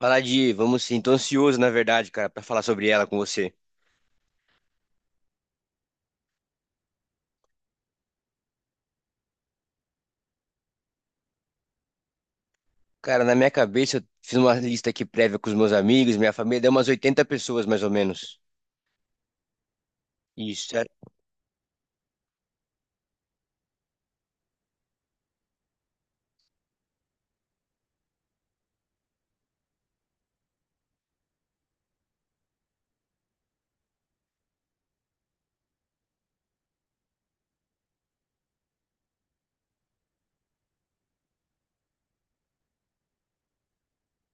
Vamos sim, tô ansioso, na verdade, cara, pra falar sobre ela com você. Cara, na minha cabeça, eu fiz uma lista aqui prévia com os meus amigos, minha família, deu umas 80 pessoas, mais ou menos. Isso.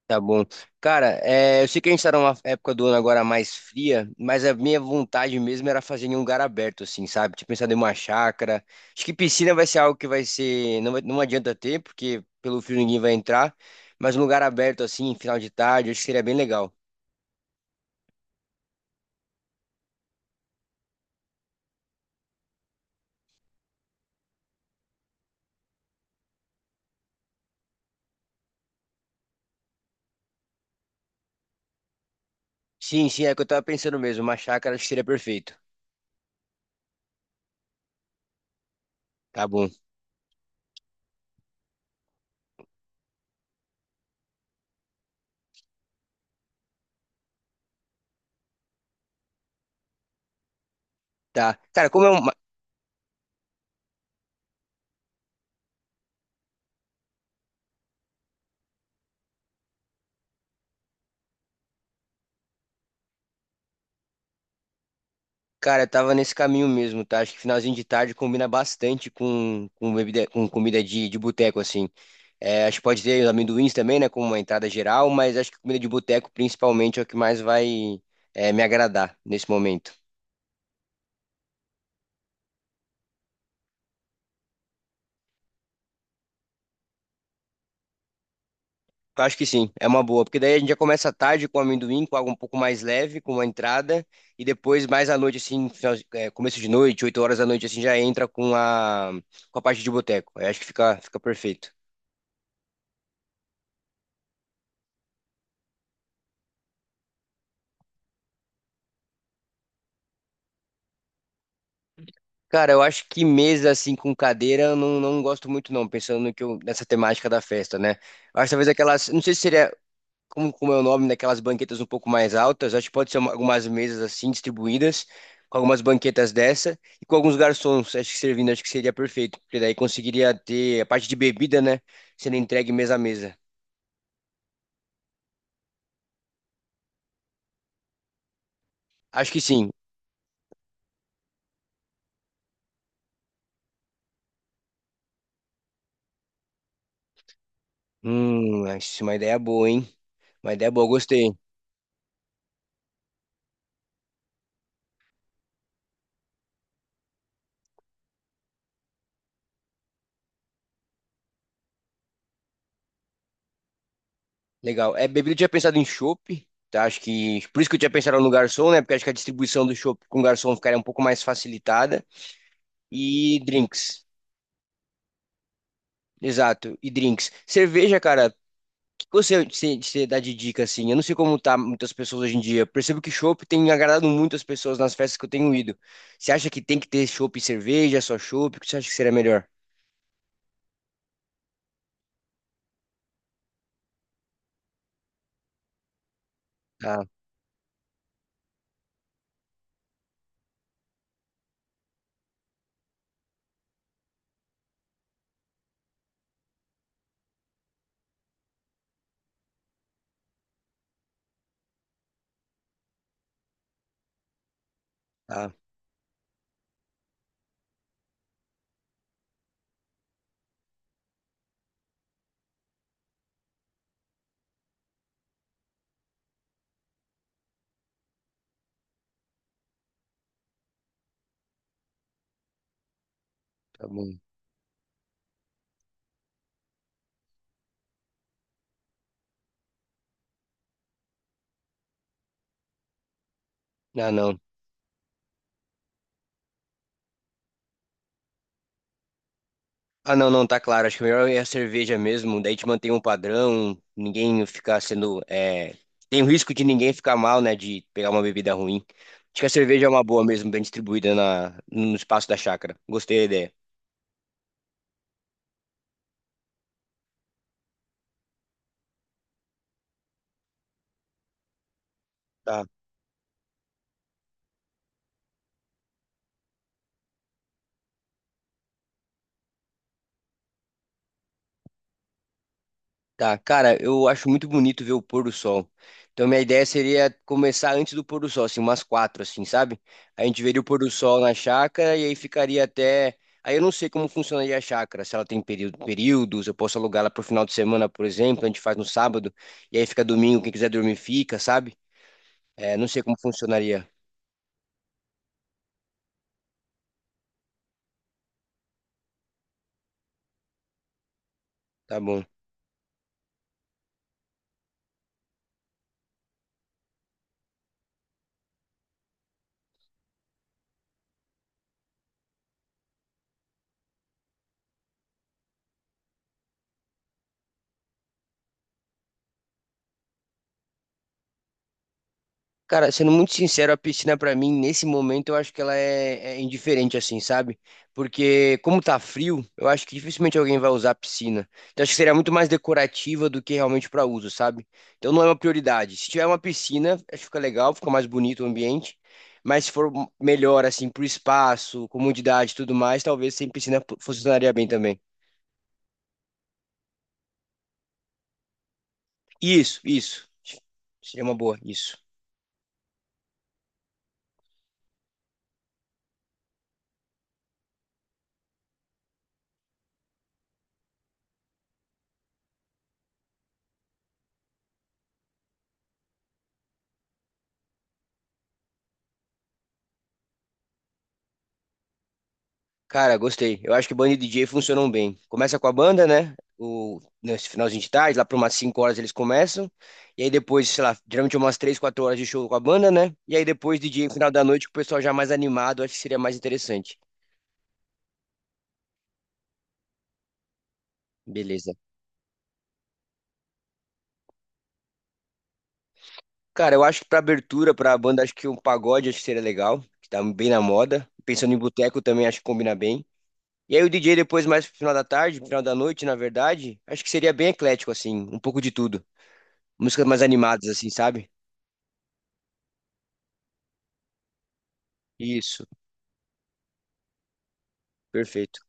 Tá bom. Cara, eu sei que a gente tá numa época do ano agora mais fria, mas a minha vontade mesmo era fazer em um lugar aberto, assim, sabe? Tinha pensado em uma chácara. Acho que piscina vai ser algo que vai ser, não adianta ter, porque pelo frio ninguém vai entrar, mas um lugar aberto, assim, final de tarde, acho que seria bem legal. Sim, sim, é o que eu tava pensando mesmo. Uma chácara acho que seria perfeito. Tá bom. Tá. Cara, como é um. Cara, eu tava nesse caminho mesmo, tá? Acho que finalzinho de tarde combina bastante com, bebida, com comida de, boteco, assim. Acho que pode ter os amendoins também, né? Como uma entrada geral, mas acho que comida de boteco, principalmente, é o que mais vai, me agradar nesse momento. Eu acho que sim, é uma boa, porque daí a gente já começa à tarde com amendoim, com algo um pouco mais leve, com uma entrada, e depois mais à noite, assim, começo de noite, 8 horas da noite, assim, já entra com a, parte de boteco. Eu acho que fica, perfeito. Cara, eu acho que mesa assim com cadeira eu não, gosto muito não, pensando no que nessa temática da festa, né? Eu acho talvez aquelas, não sei se seria como, é o nome daquelas banquetas um pouco mais altas, acho que pode ser algumas mesas assim distribuídas, com algumas banquetas dessa e com alguns garçons, acho que servindo, acho que seria perfeito, porque daí conseguiria ter a parte de bebida, né, sendo entregue mesa a mesa. Acho que sim. Acho isso é uma ideia boa, hein? Uma ideia boa, gostei. Legal. Bebida eu tinha pensado em chopp, tá? Acho que por isso que eu tinha pensado no garçom, né? Porque acho que a distribuição do chopp com garçom ficaria um pouco mais facilitada. E drinks. Exato, e drinks. Cerveja, cara, o que você dá de dica assim? Eu não sei como tá muitas pessoas hoje em dia. Percebo que chopp tem agradado muitas pessoas nas festas que eu tenho ido. Você acha que tem que ter chopp e cerveja, só chopp? O que você acha que seria melhor? Tá, tá, tá bom. Ah, não. Ah, não, não, tá claro. Acho que o melhor é a cerveja mesmo. Daí te mantém um padrão, ninguém ficar sendo. Tem o risco de ninguém ficar mal, né? De pegar uma bebida ruim. Acho que a cerveja é uma boa mesmo, bem distribuída no espaço da chácara. Gostei da ideia. Tá. Tá, cara, eu acho muito bonito ver o pôr do sol. Então, minha ideia seria começar antes do pôr do sol, assim, umas quatro, assim, sabe? A gente veria o pôr do sol na chácara e aí ficaria até. Aí eu não sei como funcionaria a chácara, se ela tem período, períodos, eu posso alugar ela pro final de semana, por exemplo, a gente faz no sábado, e aí fica domingo, quem quiser dormir fica, sabe? Não sei como funcionaria. Tá bom. Cara, sendo muito sincero, a piscina pra mim, nesse momento, eu acho que ela é indiferente, assim, sabe? Porque, como tá frio, eu acho que dificilmente alguém vai usar a piscina. Então, acho que seria muito mais decorativa do que realmente pra uso, sabe? Então, não é uma prioridade. Se tiver uma piscina, acho que fica legal, fica mais bonito o ambiente. Mas se for melhor, assim, pro espaço, comodidade e tudo mais, talvez sem piscina funcionaria bem também. Isso, isso. Seria uma boa, isso. Cara, gostei. Eu acho que banda e DJ funcionam bem. Começa com a banda, né? Nesse finalzinho de tarde, lá por umas 5 horas eles começam. E aí depois, sei lá, geralmente umas 3, 4 horas de show com a banda, né? E aí depois DJ no final da noite, com o pessoal já mais animado, acho que seria mais interessante. Beleza. Cara, eu acho que pra abertura, pra banda, acho que um pagode acho que seria legal, que tá bem na moda. Pensando em boteco também, acho que combina bem. E aí o DJ depois, mais pro final da tarde, pro final da noite, na verdade, acho que seria bem eclético, assim, um pouco de tudo. Músicas mais animadas, assim, sabe? Isso. Perfeito.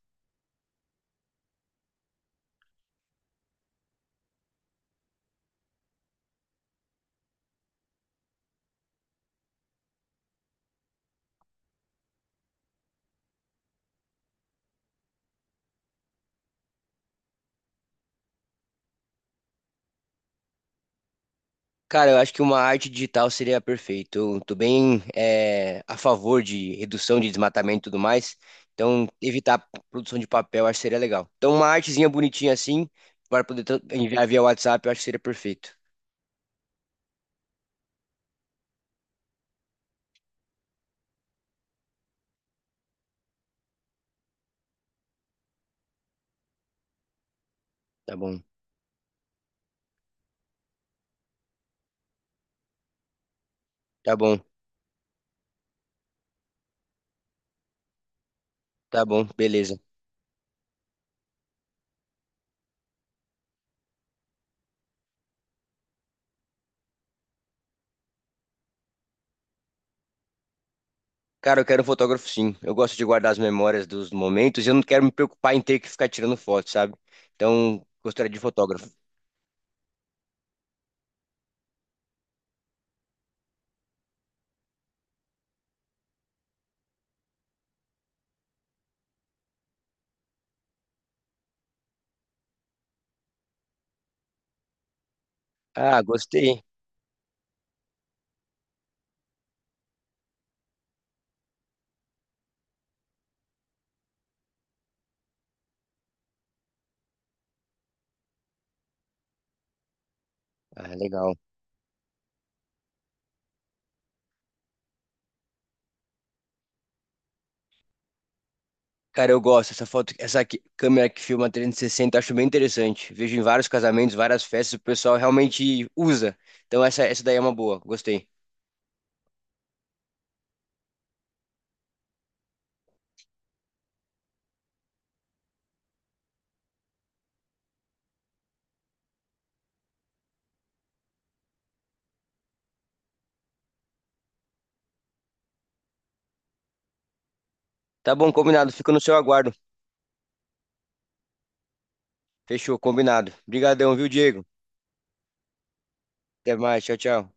Cara, eu acho que uma arte digital seria perfeito. Eu tô bem a favor de redução de desmatamento e tudo mais. Então, evitar a produção de papel, eu acho que seria legal. Então, uma artezinha bonitinha assim, para poder enviar via WhatsApp, eu acho que seria perfeito. Tá bom, tá bom, tá bom, beleza. Cara, eu quero um fotógrafo sim. Eu gosto de guardar as memórias dos momentos e eu não quero me preocupar em ter que ficar tirando foto, sabe? Então, gostaria de fotógrafo. Ah, gostei. Ah, legal. Cara, eu gosto. Essa foto, câmera que filma 360, eu acho bem interessante. Vejo em vários casamentos, várias festas, o pessoal realmente usa. Então essa daí é uma boa. Gostei. Tá bom, combinado. Fico no seu aguardo. Fechou, combinado. Obrigadão, viu, Diego? Até mais. Tchau, tchau.